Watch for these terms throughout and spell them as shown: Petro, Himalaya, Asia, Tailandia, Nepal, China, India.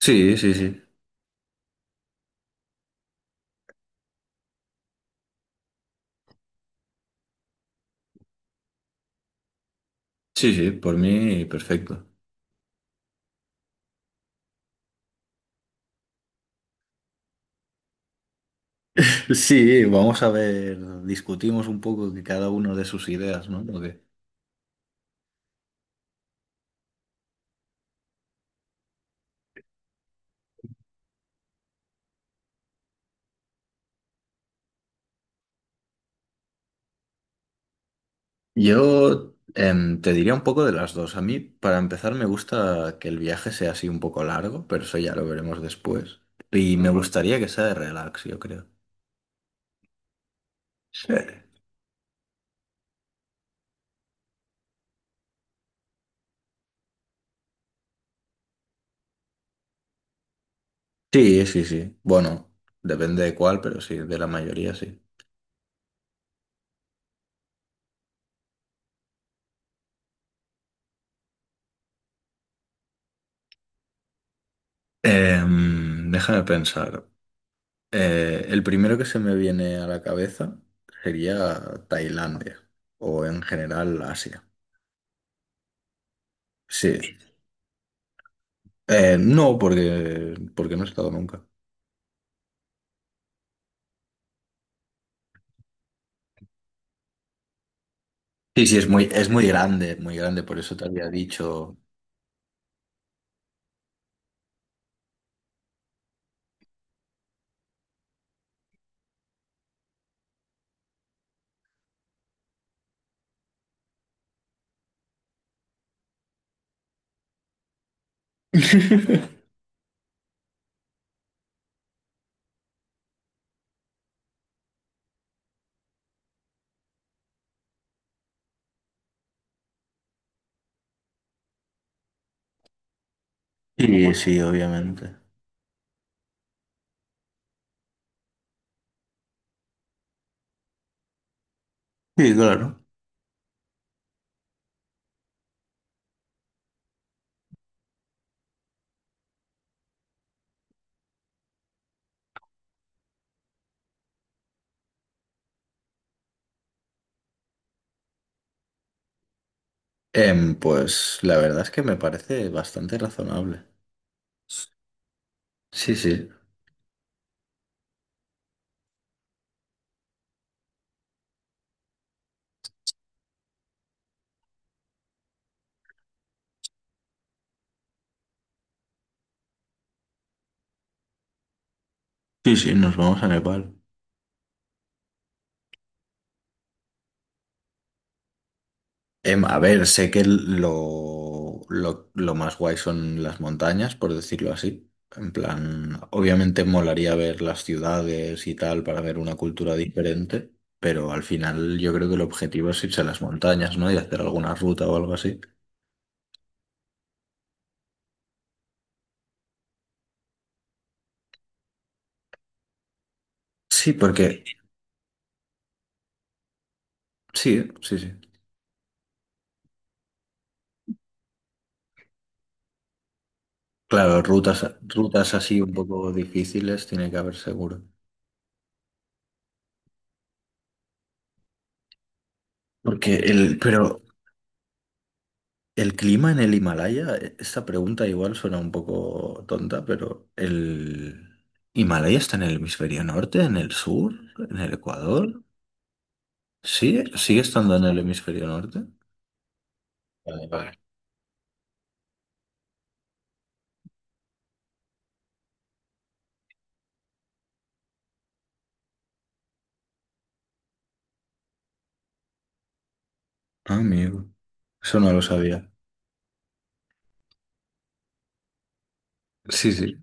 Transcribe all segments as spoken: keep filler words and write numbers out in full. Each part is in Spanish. Sí, sí, sí. Sí, sí, por mí perfecto. Sí, vamos a ver, discutimos un poco que cada uno de sus ideas, ¿no? ¿O qué? Yo em, te diría un poco de las dos. A mí, para empezar, me gusta que el viaje sea así un poco largo, pero eso ya lo veremos después. Y me Ujú. Gustaría que sea de relax, yo creo. Sí, sí, sí, sí. Bueno, depende de cuál, pero sí, de la mayoría sí. Em, déjame pensar. Eh, el primero que se me viene a la cabeza sería Tailandia o en general Asia. Sí. Eh, no, porque, porque no he estado nunca. Sí, sí, es muy, es muy grande, muy grande, por eso te había dicho. Sí, sí, obviamente. Sí, claro. Em, pues la verdad es que me parece bastante razonable. Sí, sí. Sí, sí, nos vamos a Nepal. Em, a ver, sé que lo, lo, lo más guay son las montañas, por decirlo así. En plan, obviamente molaría ver las ciudades y tal para ver una cultura diferente, pero al final yo creo que el objetivo es irse a las montañas, ¿no? Y hacer alguna ruta o algo así. Sí, porque sí, sí, sí. Claro, rutas, rutas así un poco difíciles tiene que haber seguro. Porque el, pero el clima en el Himalaya, e- esta pregunta igual suena un poco tonta, pero ¿el Himalaya está en el hemisferio norte, en el sur, en el Ecuador? ¿Sí? ¿Sigue estando en el hemisferio norte? Vale, vale. Ah, amigo, eso no lo sabía. Sí, sí.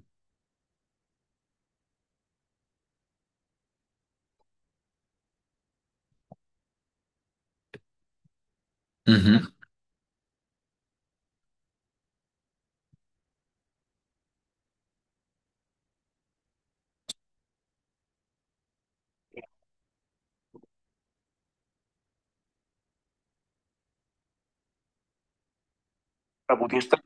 Ujú. La budista.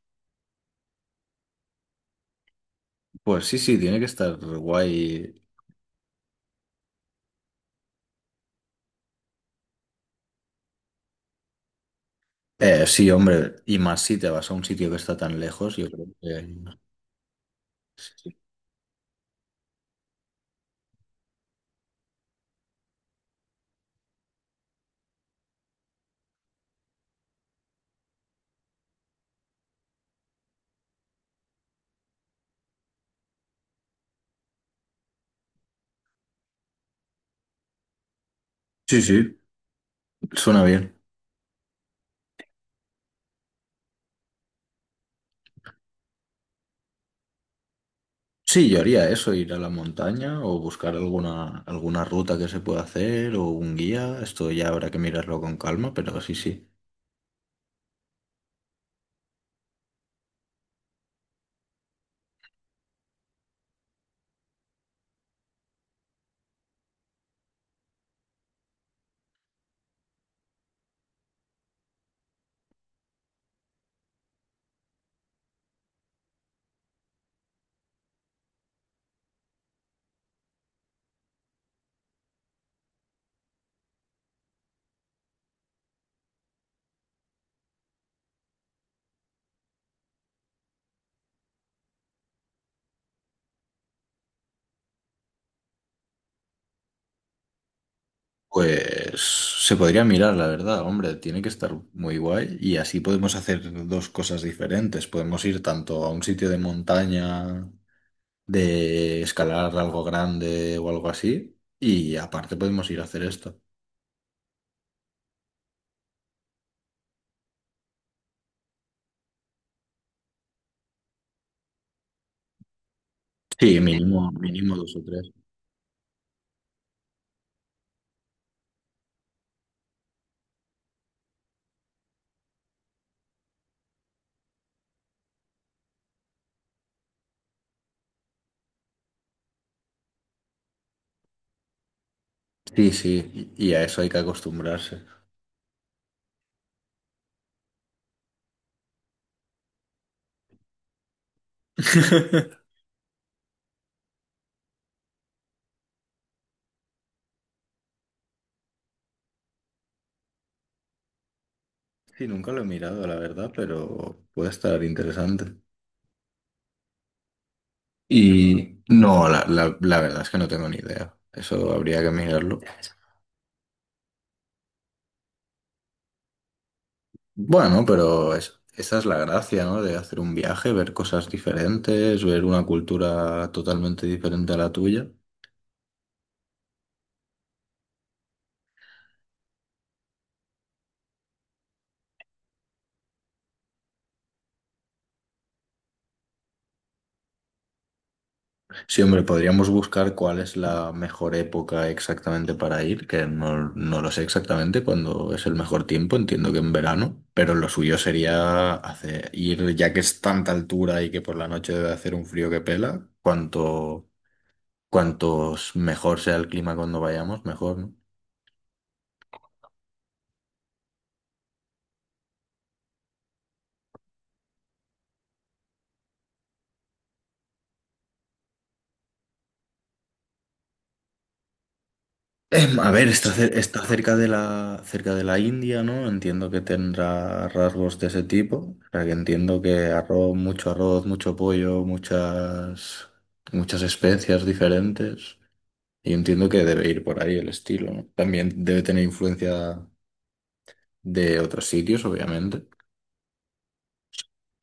Pues sí, sí, tiene que estar guay. Eh, sí, hombre, y más si te vas a un sitio que está tan lejos, yo creo que... Sí, sí, suena bien. Sí, yo haría eso, ir a la montaña o buscar alguna, alguna ruta que se pueda hacer o un guía. Esto ya habrá que mirarlo con calma, pero sí, sí. Pues se podría mirar, la verdad, hombre, tiene que estar muy guay y así podemos hacer dos cosas diferentes. Podemos ir tanto a un sitio de montaña, de escalar algo grande o algo así, y aparte podemos ir a hacer esto. Sí, mínimo, mínimo dos o tres. Sí, sí, y y a eso hay que acostumbrarse. Sí, nunca lo he mirado, la verdad, pero puede estar interesante. Y no, la, la- la verdad es que no tengo ni idea. Eso habría que mirarlo. Bueno, pero es- esa es la gracia, ¿no? De hacer un viaje, ver cosas diferentes, ver una cultura totalmente diferente a la tuya. Sí, hombre, podríamos buscar cuál es la mejor época exactamente para ir, que no, no lo sé exactamente cuándo es el mejor tiempo, entiendo que en verano, pero lo suyo sería hacer, ir, ya que es tanta altura y que por la noche debe hacer un frío que pela, cuanto, cuantos mejor sea el clima cuando vayamos, mejor, ¿no? Em, a ver, está, cer- está cerca de la, cerca de la India, ¿no? Entiendo que tendrá rasgos de ese tipo. O sea, que entiendo que arroz, mucho arroz, mucho pollo, muchas, muchas especias diferentes. Y entiendo que debe ir por ahí el estilo, ¿no? También debe tener influencia de otros sitios, obviamente.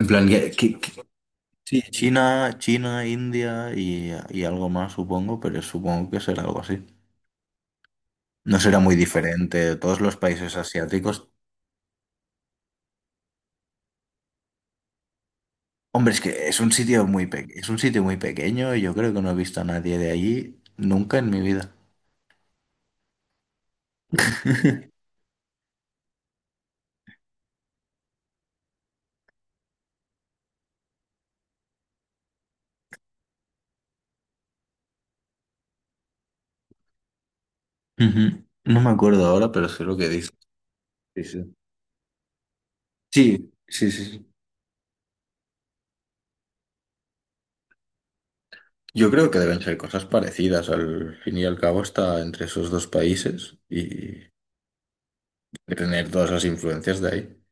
En plan, que- que- que- China, China, India y, y algo más, supongo, pero supongo que será algo así. No será muy diferente. Todos los países asiáticos. Hombre, es que es un sitio muy pe- es un sitio muy pequeño y yo creo que no he visto a nadie de allí nunca en mi vida. Ujú. No me acuerdo ahora, pero sé lo que dice. Sí, sí. Sí, sí, sí, sí. Yo creo que deben ser cosas parecidas. Al fin y al cabo está entre esos dos países y tener todas las influencias de ahí.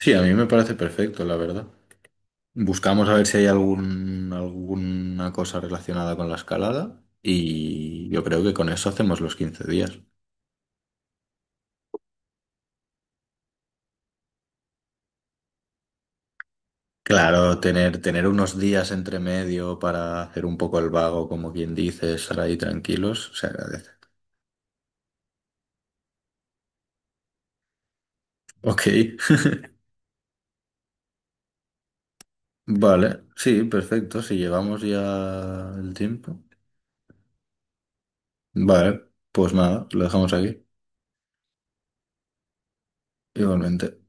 Sí, a mí me parece perfecto, la verdad. Buscamos a ver si hay algún, alguna cosa relacionada con la escalada y yo creo que con eso hacemos los quince días. Claro, tener, tener unos días entre medio para hacer un poco el vago, como quien dice, estar ahí tranquilos, se agradece. Ok, vale, sí, perfecto, si llevamos ya el tiempo. Vale, pues nada, lo dejamos aquí, igualmente.